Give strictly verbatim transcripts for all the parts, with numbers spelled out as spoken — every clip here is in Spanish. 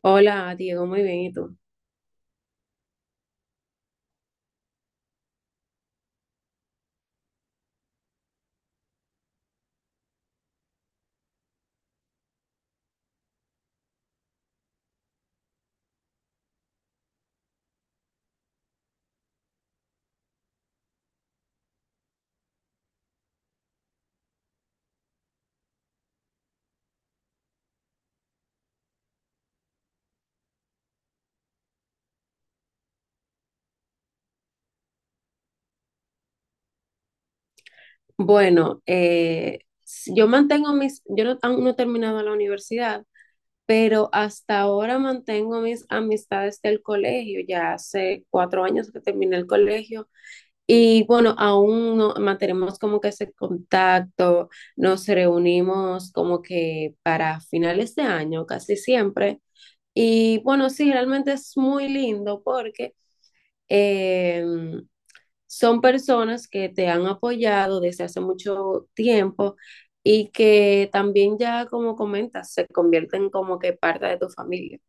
Hola, Diego, muy bien, ¿y tú? Bueno, eh, s- yo mantengo mis, yo no, Aún no he terminado la universidad, pero hasta ahora mantengo mis amistades del colegio. Ya hace cuatro años que terminé el colegio y bueno, aún no, mantenemos como que ese contacto. Nos reunimos como que para finales de año casi siempre y bueno, sí, realmente es muy lindo porque... em, son personas que te han apoyado desde hace mucho tiempo y que también ya, como comentas, se convierten como que parte de tu familia.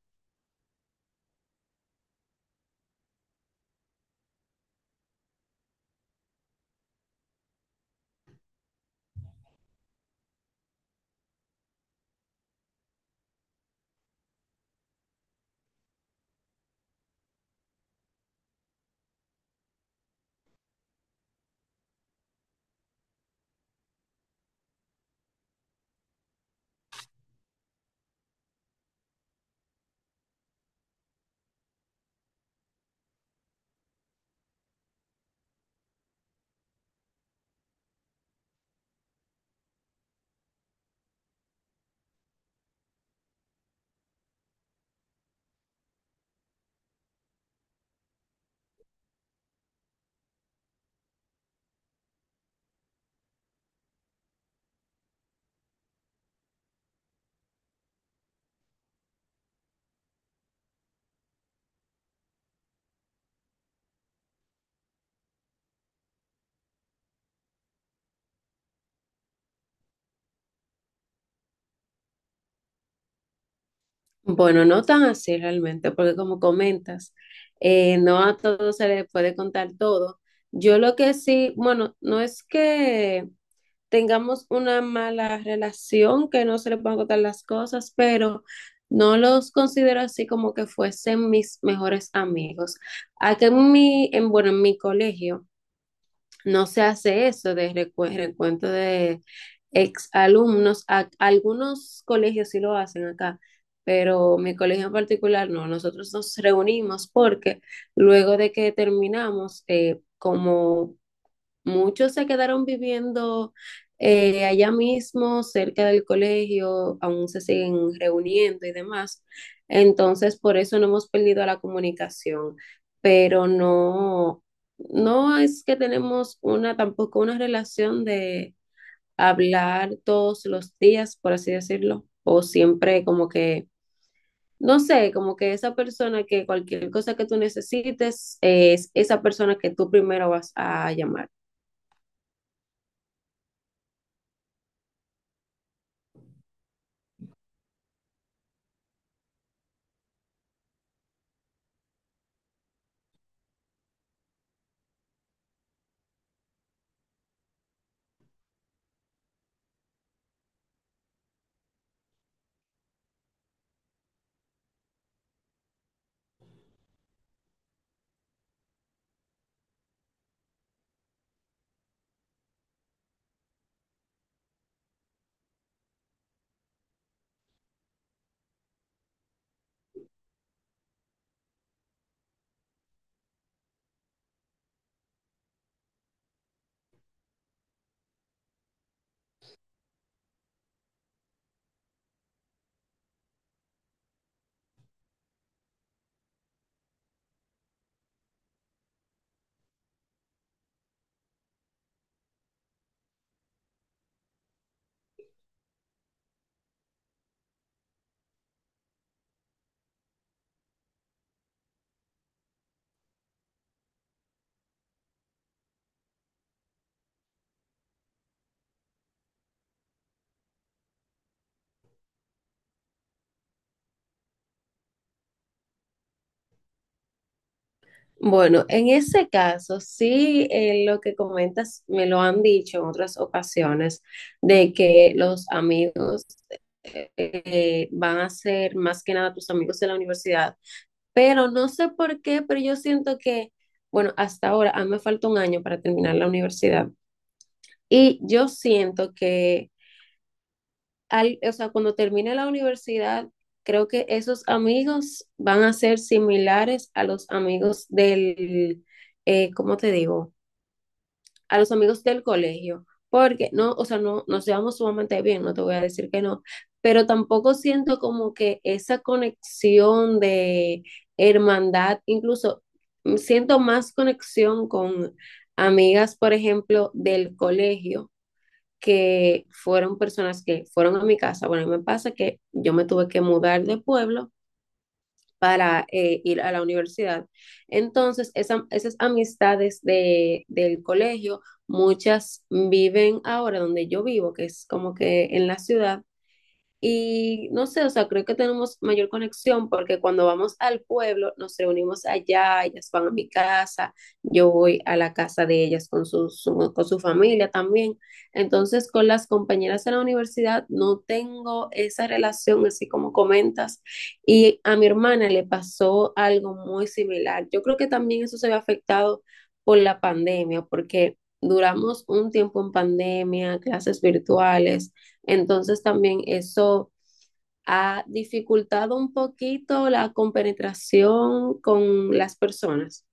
Bueno, no tan así realmente, porque como comentas, eh, no a todos se les puede contar todo. Yo lo que sí, bueno, no es que tengamos una mala relación, que no se le puedan contar las cosas, pero no los considero así como que fuesen mis mejores amigos. Acá en mi, en, bueno, en mi colegio no se hace eso de recu- recuento de ex alumnos. Algunos colegios sí lo hacen acá, pero mi colegio en particular no. Nosotros nos reunimos porque luego de que terminamos, eh, como muchos se quedaron viviendo eh, allá mismo, cerca del colegio, aún se siguen reuniendo y demás. Entonces, por eso no hemos perdido la comunicación, pero no, no es que tenemos una, tampoco una relación de hablar todos los días, por así decirlo, o siempre como que, no sé, como que esa persona que cualquier cosa que tú necesites es esa persona que tú primero vas a llamar. Bueno, en ese caso, sí, eh, lo que comentas me lo han dicho en otras ocasiones, de que los amigos eh, eh, van a ser más que nada tus amigos de la universidad, pero no sé por qué, pero yo siento que, bueno, hasta ahora, a mí me falta un año para terminar la universidad y yo siento que, al, o sea, cuando termine la universidad, creo que esos amigos van a ser similares a los amigos del, eh, ¿Cómo te digo? A los amigos del colegio, porque no, o sea, no nos llevamos sumamente bien, no te voy a decir que no, pero tampoco siento como que esa conexión de hermandad. Incluso mm, siento más conexión con amigas, por ejemplo, del colegio, que fueron personas que fueron a mi casa. Bueno, a mí me pasa que yo me tuve que mudar de pueblo para eh, ir a la universidad. Entonces, esa, esas amistades de, del colegio, muchas viven ahora donde yo vivo, que es como que en la ciudad, y no sé, o sea, creo que tenemos mayor conexión porque cuando vamos al pueblo nos reunimos allá, ellas van a mi casa, yo voy a la casa de ellas con su, su- con su familia también. Entonces, con las compañeras de la universidad no tengo esa relación así como comentas. Y a mi hermana le pasó algo muy similar. Yo creo que también eso se ve afectado por la pandemia, porque duramos un tiempo en pandemia, clases virtuales, entonces también eso ha dificultado un poquito la compenetración con las personas.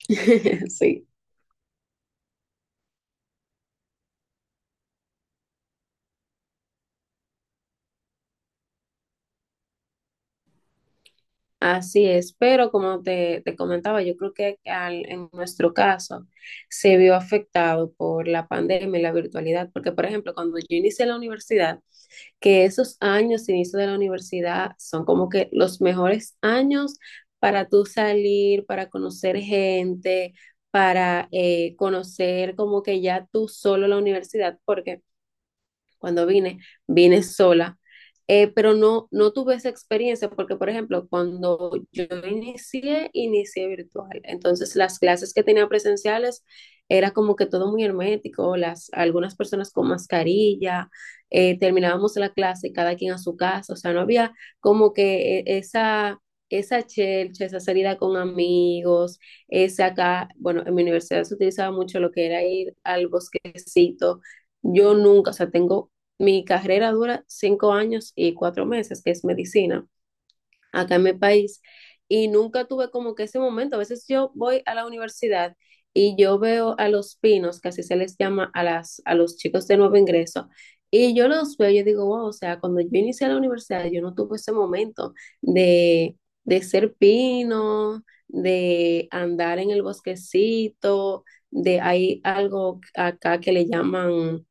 Sí, así es. Pero como te, te comentaba, yo creo que al- en nuestro caso se vio afectado por la pandemia y la virtualidad, porque por ejemplo, cuando yo inicié la universidad, que esos años, inicio de la universidad, son como que los mejores años para tú salir, para conocer gente, para eh, conocer como que ya tú solo la universidad, porque cuando vine, vine sola. Eh, pero no, no tuve esa experiencia porque, por ejemplo, cuando yo inicié, inicié virtual. Entonces, las clases que tenía presenciales era como que todo muy hermético, las, algunas personas con mascarilla, eh, terminábamos la clase cada quien a su casa, o sea, no había como que e, esa, esa chelcha, esa salida con amigos, esa acá, bueno, en mi universidad se utilizaba mucho lo que era ir al bosquecito. Yo nunca, o sea, tengo mi carrera dura cinco años y cuatro meses, que es medicina, acá en mi país, y nunca tuve como que ese momento. A veces yo voy a la universidad y yo veo a los pinos, que así se les llama a, las, a los chicos de nuevo ingreso, y yo los veo y yo digo, wow, o sea, cuando yo inicié la universidad, yo no tuve ese momento de, de ser pino, de andar en el bosquecito, de hay algo acá que le llaman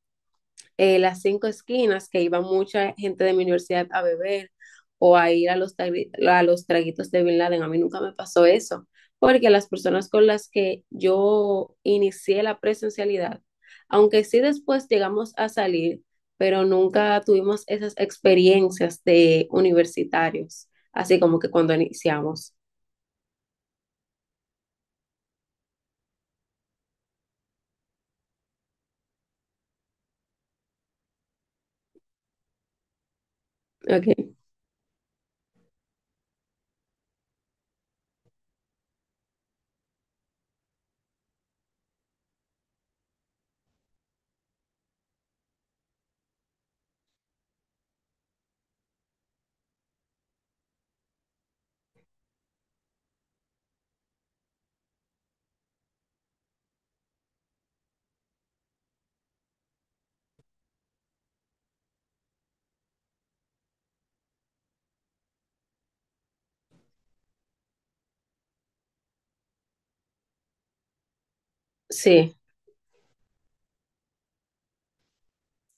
eh, las cinco esquinas, que iba mucha gente de mi universidad a beber o a ir a los, tragui- a los traguitos de Bin Laden. A mí nunca me pasó eso, porque las personas con las que yo inicié la presencialidad, aunque sí después llegamos a salir, pero nunca tuvimos esas experiencias de universitarios, así como que cuando iniciamos. Ok. Sí.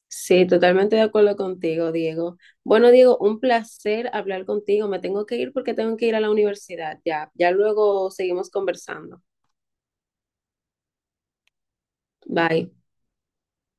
Sí, totalmente de acuerdo contigo, Diego. Bueno, Diego, un placer hablar contigo. Me tengo que ir porque tengo que ir a la universidad. Ya, ya luego seguimos conversando. Bye.